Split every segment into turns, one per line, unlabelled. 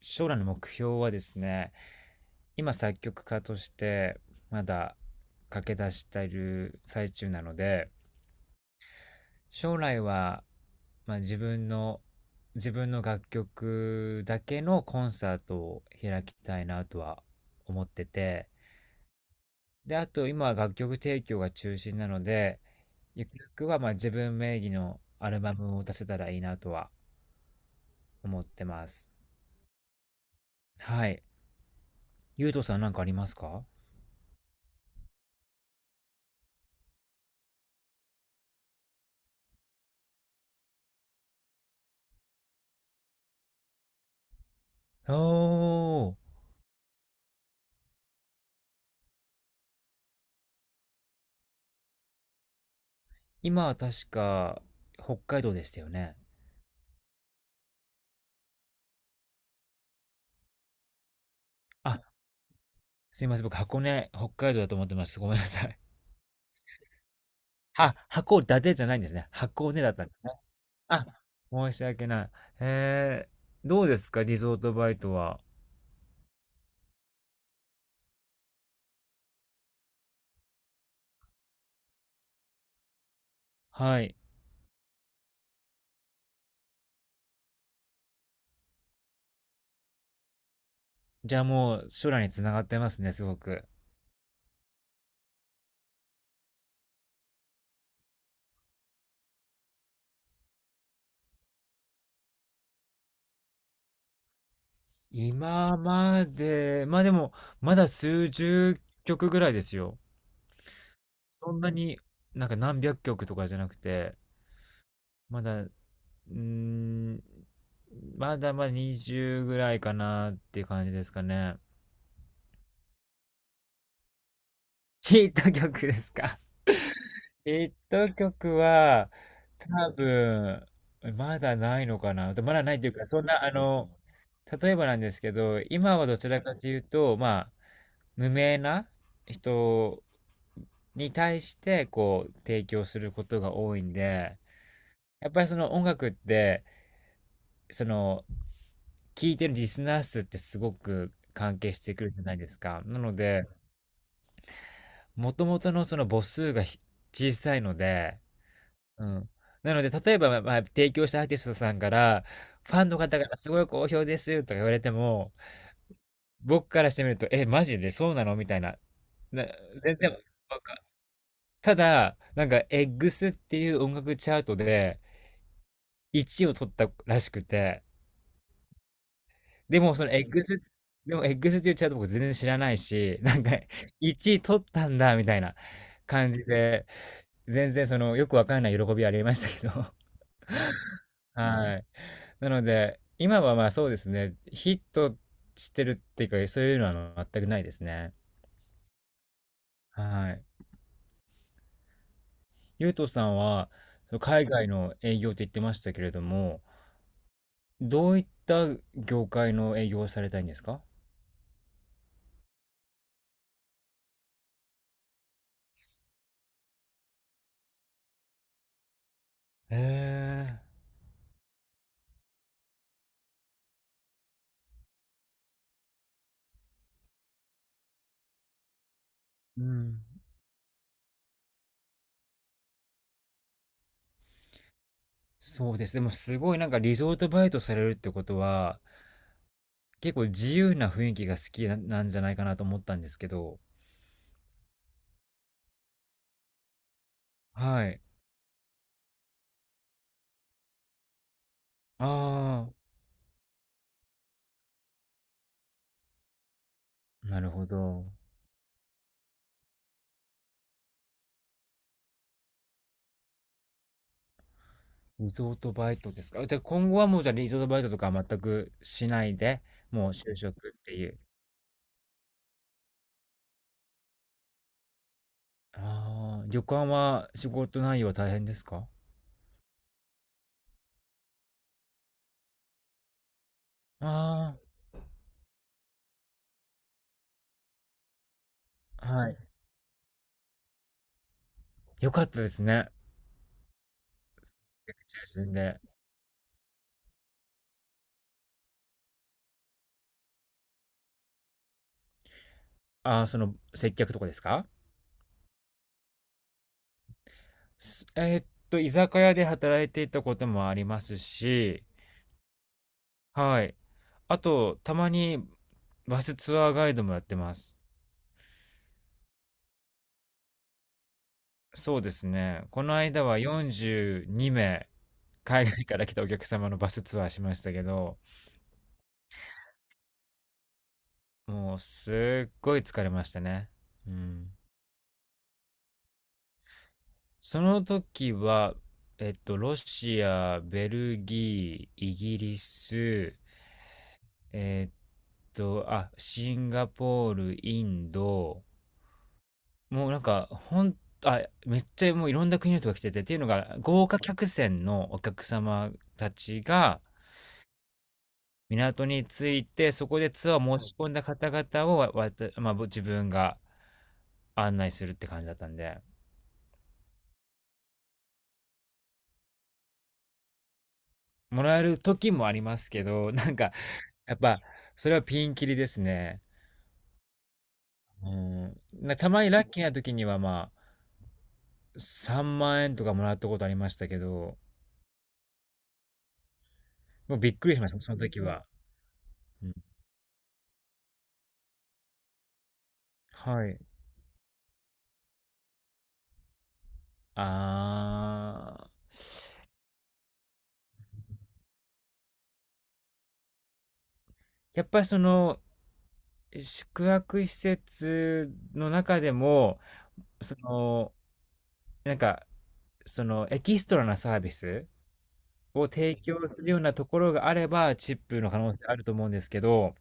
将来の目標はですね、今作曲家としてまだ駆け出している最中なので、将来は、まあ、自分の、自分の楽曲だけのコンサートを開きたいなとは思ってて、で、あと今は楽曲提供が中心なので、ゆくゆくは自分名義のアルバムを出せたらいいなとは思ってます。はい。ゆうとさんなんかありますか？おー、今は確か、北海道でしたよね。あ、すいません。僕、箱根、北海道だと思ってました。ごめんなさい。あ、函館じゃないんですね。箱根だったんですね。あ、申し訳ない。えー、どうですかリゾートバイトは。はい。じゃあもう、将来につながってますね、すごく。今まで、まあでも、まだ数十曲ぐらいですよ。そんなに何百曲とかじゃなくて、まだうーん、まだまだ20ぐらいかなっていう感じですかね。ヒット曲ですか？ ヒット曲は、多分、まだないのかな。まだないというか、そんな、あの、例えばなんですけど、今はどちらかというと、まあ、無名な人に対して、こう、提供することが多いんで、やっぱりその音楽って、その聞いてるリスナー数ってすごく関係してくるじゃないですか。なので、もともとのその母数が小さいので、うん。なので、例えば、まあまあ、提供したアーティストさんから、ファンの方からすごい好評ですとか言われても、僕からしてみると、え、マジでそうなのみたいな。な、全然、なんか、ただ、エッグスっていう音楽チャートで1位を取ったらしくて、でも、そのエッグス、でもエッグスって言っちゃうと僕全然知らないし、なんか1位取ったんだみたいな感じで、全然そのよくわかんない喜びはありましたけど。はい。なので、今はまあそうですね、ヒットしてるっていうか、そういうのは全くないですね。はい。ゆうとさんは、その海外の営業って言ってましたけれども、どういった業界の営業をされたいんですか？へえ。うん。そうです。でもすごいリゾートバイトされるってことは、結構自由な雰囲気が好きなんじゃないかなと思ったんですけど。はい。ああ、なるほど。リゾートバイトですか。じゃあ今後はもうじゃあリゾートバイトとかは全くしないで、もう就職っていう。ああ、旅館は仕事内容は大変ですか？ああー、はい。よかったですね。中心で。ああ、その接客とかですか？すえーっと、居酒屋で働いていたこともありますし、はい。あと、たまにバスツアーガイドもやってます。そうですね。この間は42名、海外から来たお客様のバスツアーしましたけど、もうすっごい疲れましたね。うん。その時は、ロシア、ベルギー、イギリス、えっあ、シンガポール、インド、もうあ、めっちゃもういろんな国の人が来てて、っていうのが、豪華客船のお客様たちが港に着いて、そこでツアーを申し込んだ方々をわわた、まあ、自分が案内するって感じだったんで、もらえる時もありますけど、やっぱ、それはピンキリですね。うん。たまにラッキーな時には、まあ、3万円とかもらったことありましたけど、もうびっくりしました、その時は。うん。はい。あー、やっぱりその宿泊施設の中でもそのなんかそのエキストラなサービスを提供するようなところがあればチップの可能性あると思うんですけど、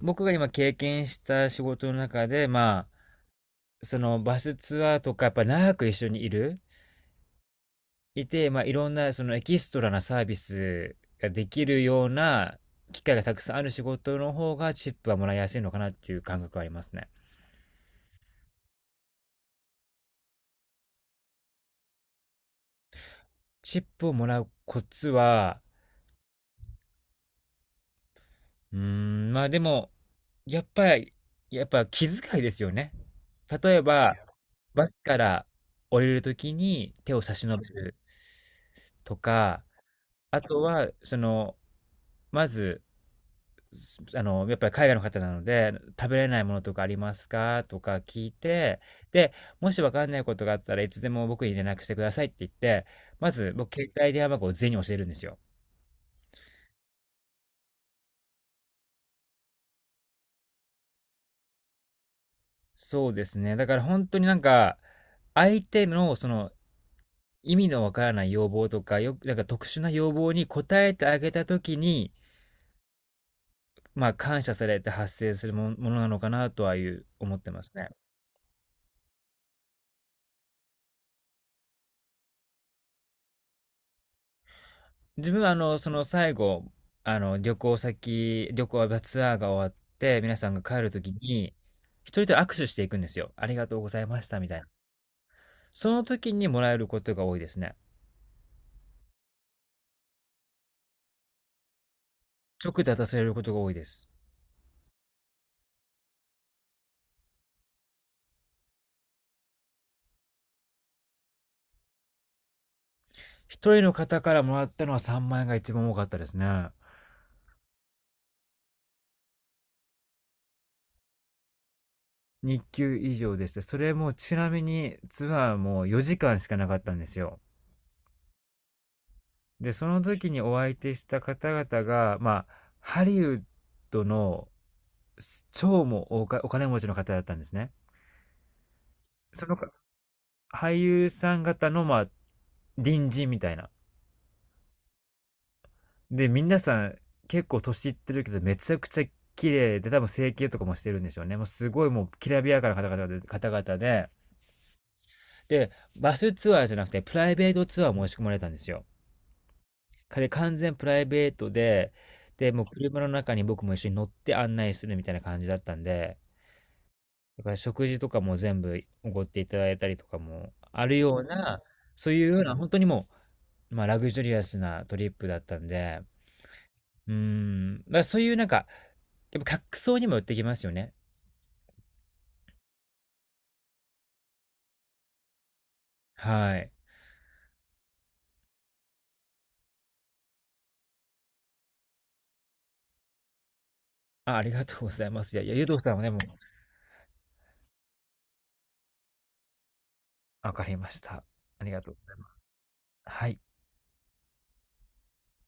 僕が今経験した仕事の中であそのバスツアーとかやっぱ長く一緒にいて、まあ、いろんなそのエキストラなサービスができるような機会がたくさんある仕事の方がチップはもらいやすいのかなっていう感覚はありますね。チップをもらうコツは、うーん、まあでも、やっぱり、やっぱ気遣いですよね。例えば、バスから降りるときに手を差し伸べるとか、あとは、まず、やっぱり海外の方なので、食べれないものとかありますかとか聞いて、で、もしわかんないことがあったらいつでも僕に連絡してくださいって言って、まず僕携帯電話番号を全員に教えるんですよ。そうですね。だから本当に相手のその意味のわからない要望とか、よく、なんか特殊な要望に応えてあげたときに、まあ感謝されて発生するのなのかなとは思ってますね。自分はその最後、旅行やツアーが終わって、皆さんが帰るときに、一人と握手していくんですよ。ありがとうございましたみたいな。その時にもらえることが多いですね。直で渡されることが多いです。一人の方からもらったのは3万円が一番多かったですね。日給以上でした。それもちなみにツアーも4時間しかなかったんですよ。で、その時にお相手した方々が、まあ、ハリウッドの超もうお金持ちの方だったんですね。その俳優さん方の、まあ、隣人みたいな。で、皆さん結構年いってるけど、めちゃくちゃ綺麗で、多分整形とかもしてるんでしょうね。もうすごいもうきらびやかな方々で、で、バスツアーじゃなくて、プライベートツアーも申し込まれたんですよ。で、完全プライベートで、で、もう車の中に僕も一緒に乗って案内するみたいな感じだったんで、だから食事とかも全部奢っていただいたりとかもあるような、そういうような、本当にもう、まあ、ラグジュリアスなトリップだったんで、うーん、まあ、そういうやっぱ客層にも寄ってきますよね。はい。あ、ありがとうございます。いやいや、ゆうとうさんはね、もう、分かりました。ありがとうございます。はい。